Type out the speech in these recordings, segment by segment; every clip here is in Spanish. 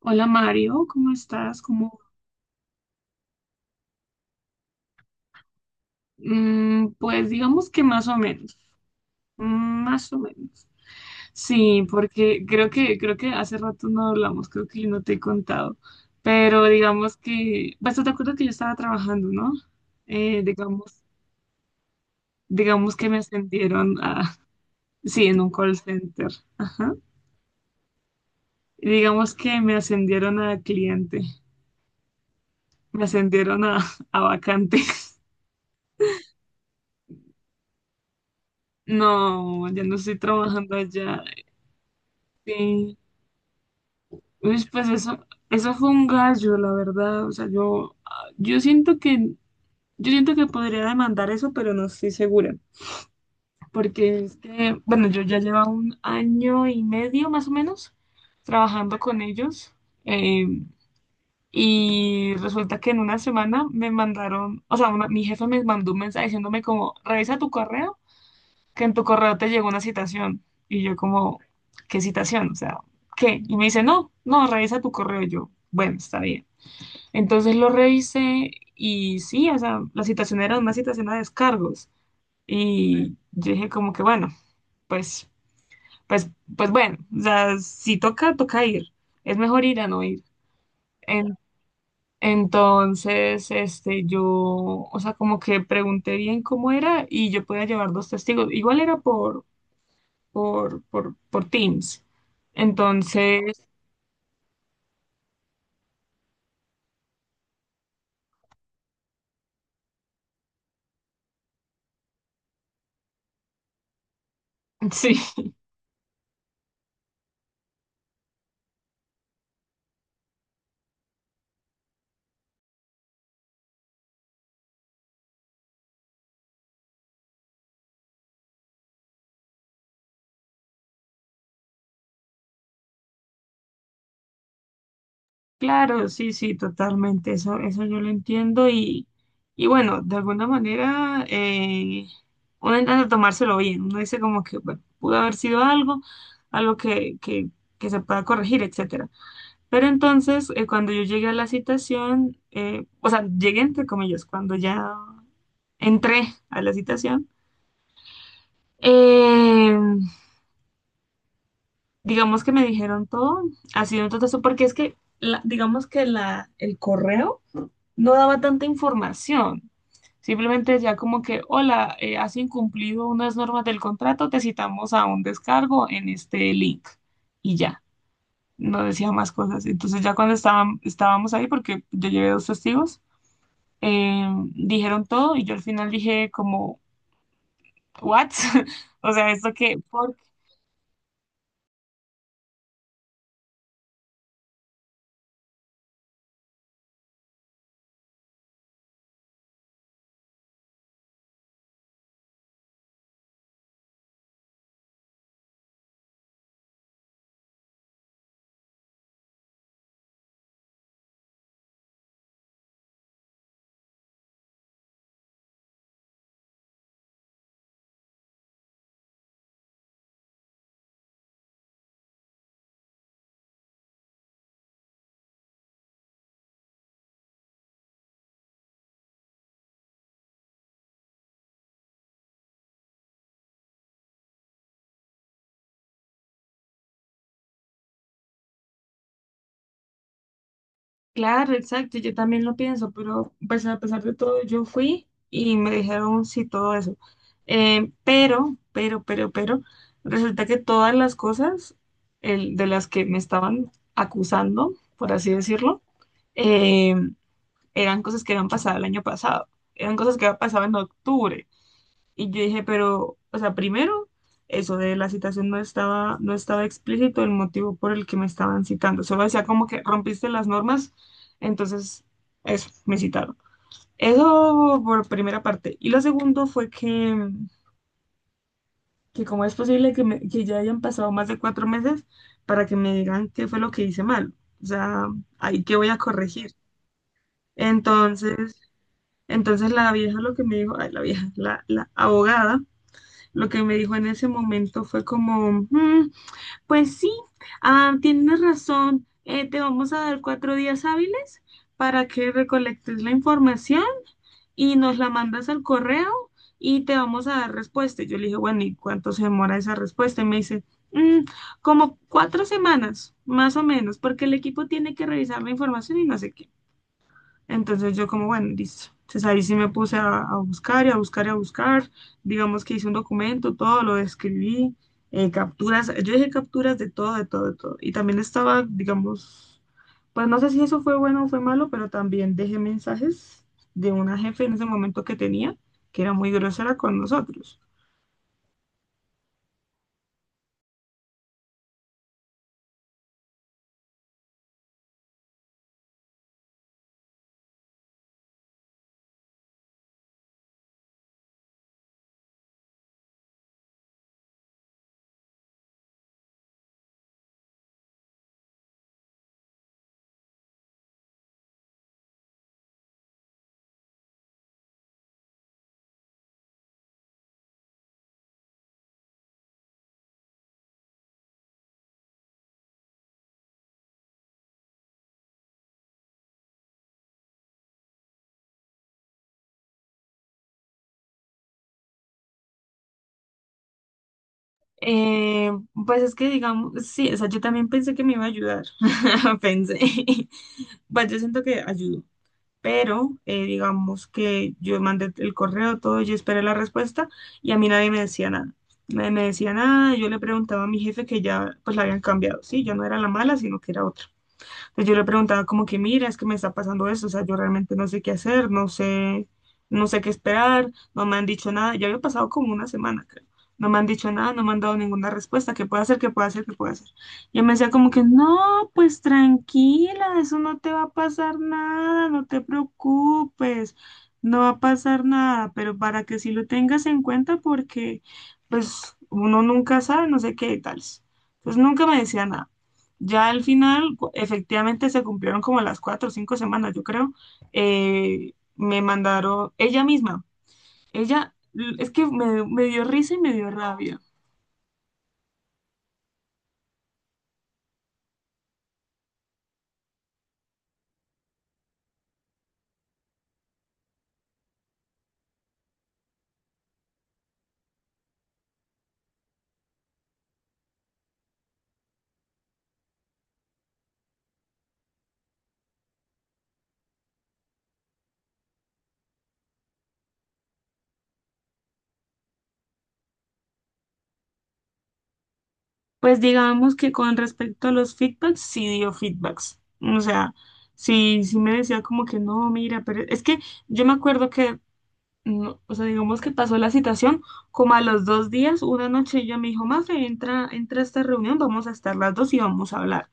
Hola Mario, ¿cómo estás? ¿Cómo? Pues digamos que más o menos. Más o menos. Sí, porque creo que hace rato no hablamos, creo que yo no te he contado, pero digamos que, pues tú te acuerdas que yo estaba trabajando, ¿no? Eh, digamos, digamos que me ascendieron a, sí, en un call center, ajá. Y digamos que me ascendieron a cliente, me ascendieron a, vacante. No, ya no estoy trabajando allá. Sí. Uy, pues eso fue un gallo, la verdad. O sea, yo siento que podría demandar eso, pero no estoy segura. Porque es que, bueno, yo ya llevo un año y medio más o menos trabajando con ellos. eh, y resulta que en una semana me mandaron, o sea, una- mi jefe me mandó un mensaje diciéndome como, revisa tu correo, que en tu correo te llegó una citación. Y yo como, ¿qué citación? O sea, ¿qué? Y me dice, no, no, revisa tu correo. Y yo, bueno, está bien. Entonces lo revisé y sí, o sea, la situación era una situación a descargos. Y yo dije como que bueno, pues, pues, pues bueno, o sea, si toca, toca ir. Es mejor ir a no ir. En- entonces, este, yo, o sea, como que pregunté bien cómo era y yo podía llevar dos testigos. Igual era por, por Teams. Entonces, sí. Claro, sí, sí, totalmente, eso yo lo entiendo y bueno, de alguna manera uno intenta tomárselo bien, uno dice como que bueno, pudo haber sido algo, algo que se pueda corregir, etcétera. Pero entonces, cuando yo llegué a la citación, o sea, llegué entre comillas, cuando ya entré a la citación, eh, digamos que me dijeron todo, ha sido un totazo, porque es que, digamos que la, el correo no daba tanta información. Simplemente decía como que, hola, has incumplido unas normas del contrato, te citamos a un descargo en este link. Y ya, no decía más cosas. Entonces ya cuando estaban, estábamos ahí, porque yo llevé dos testigos, eh, dijeron todo y yo al final dije como, ¿what? O sea, esto que, claro, exacto, yo también lo pienso, pero pues a pesar de todo yo fui y me dijeron sí todo eso. Pero, resulta que todas las cosas de las que me estaban acusando, por así decirlo, eh, eran cosas que habían pasado el año pasado, eran cosas que habían pasado en octubre. Y yo dije, pero, o sea, primero, eso de la citación no estaba explícito el motivo por el que me estaban citando. Solo decía como que rompiste las normas, entonces, eso, me citaron. Eso por primera parte. Y lo segundo fue que cómo es posible que, que ya hayan pasado más de 4 meses para que me digan qué fue lo que hice mal. O sea, ahí qué voy a corregir. Entonces, entonces la vieja lo que me dijo, ay, la vieja, la abogada lo que me dijo en ese momento fue como, "Mm, pues sí, tienes razón, te vamos a dar 4 días hábiles para que recolectes la información y nos la mandas al correo y te vamos a dar respuesta. Y yo le dije, bueno, ¿y cuánto se demora esa respuesta? Y me dice, "Mm, como 4 semanas, más o menos, porque el equipo tiene que revisar la información y no sé qué. Entonces yo como, bueno, listo. Entonces ahí sí me puse a buscar y a buscar y a buscar. Digamos que hice un documento, todo lo escribí, capturas, yo dije capturas de todo, de todo, de todo. Y también estaba, digamos, pues no sé si eso fue bueno o fue malo, pero también dejé mensajes de una jefe en ese momento que tenía, que era muy grosera con nosotros. Eh, pues es que digamos, sí, o sea, yo también pensé que me iba a ayudar, pensé, pues yo siento que ayudó, pero digamos que yo mandé el correo, todo, yo esperé la respuesta y a mí nadie me decía nada. Nadie me decía nada, yo le preguntaba a mi jefe que ya pues la habían cambiado, sí, yo no era la mala, sino que era otra. Pues yo le preguntaba como que, mira, es que me está pasando eso, o sea, yo realmente no sé qué hacer, no sé, no sé qué esperar, no me han dicho nada, ya había pasado como una semana, creo. No me han dicho nada, no me han dado ninguna respuesta, ¿qué puedo hacer, qué puedo hacer, qué puedo hacer? Y él me decía como que, no, pues tranquila, eso no te va a pasar nada, no te preocupes, no va a pasar nada, pero para que sí lo tengas en cuenta porque, pues, uno nunca sabe, no sé qué y tales. Pues nunca me decía nada. Ya al final, efectivamente, se cumplieron como las 4 o 5 semanas, yo creo. Me mandaron ella misma. Ella, es que me dio risa y me dio rabia. Pues digamos que con respecto a los feedbacks, sí dio feedbacks. O sea, sí, sí me decía como que no, mira, pero es que yo me acuerdo que, no, o sea, digamos que pasó la citación como a los 2 días, una noche ella me dijo, Mafe, entra, entra a esta reunión, vamos a estar las dos y vamos a hablar.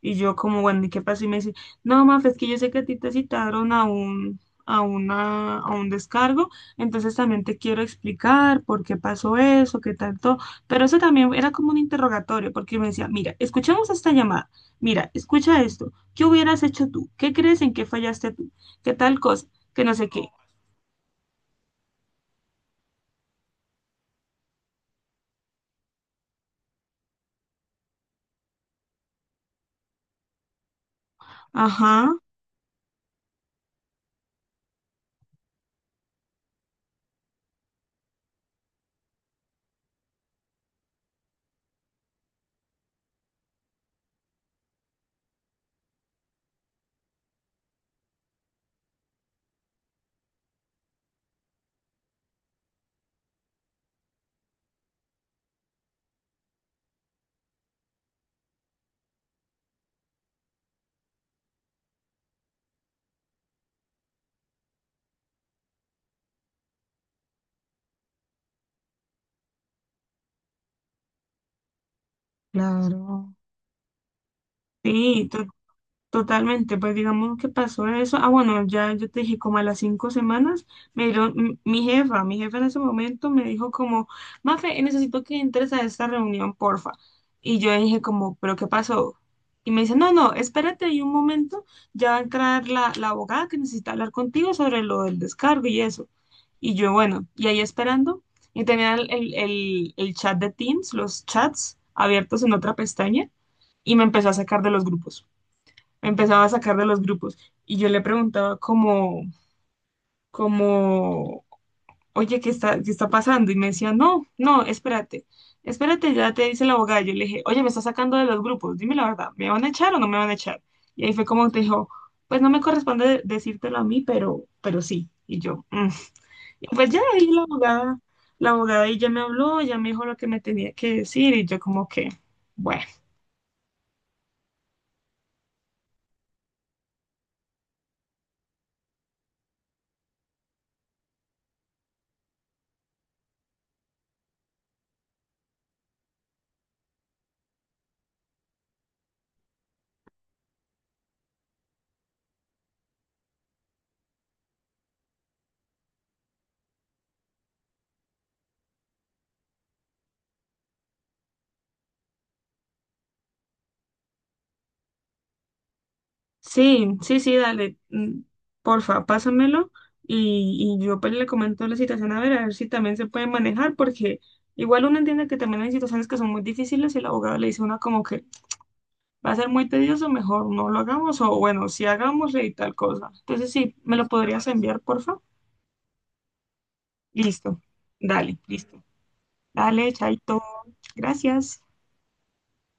Y yo como, bueno, ¿y qué pasó? Y me dice, no, Maf, es que yo sé que a ti te citaron a un, a una, a un descargo, entonces también te quiero explicar por qué pasó eso, qué tanto. Pero eso también era como un interrogatorio, porque me decía, mira, escuchamos esta llamada, mira, escucha esto, ¿qué hubieras hecho tú? ¿Qué crees en qué fallaste tú? ¿Qué tal cosa? Que no sé qué. Ajá, claro. Sí, totalmente, pues digamos que pasó eso. Ah, bueno, ya yo te dije, como a las 5 semanas, me dieron, mi jefa, en ese momento me dijo como, Mafe, necesito que entres a esta reunión, porfa. Y yo dije como, ¿pero qué pasó? Y me dice, no, no, espérate ahí un momento, ya va a entrar la, la abogada que necesita hablar contigo sobre lo del descargo y eso. Y yo, bueno, y ahí esperando, y tenía el chat de Teams, los chats abiertos en otra pestaña, y me empezaba a sacar de los grupos y yo le preguntaba como, oye, qué está pasando? Y me decía, no, no, espérate, espérate, ya te dice la abogada. Yo le dije, oye, me está sacando de los grupos, dime la verdad, ¿me van a echar o no me van a echar? Y ahí fue como te dijo, pues no me corresponde decírtelo a mí, pero sí. Y yo, "Mm". Y pues ya ahí la abogada y ya me habló, ya me dijo lo que me tenía que decir y yo como que, bueno. Sí, sí, sí, dale. Porfa pásamelo y yo pues le comento la situación a ver si también se puede manejar, porque igual uno entiende que también hay situaciones que son muy difíciles y el abogado le dice a uno como que va a ser muy tedioso, mejor no lo hagamos o bueno, si hagamos y tal cosa. Entonces sí, ¿me lo podrías enviar, porfa? Listo. Dale, listo. Dale, chaito. Gracias.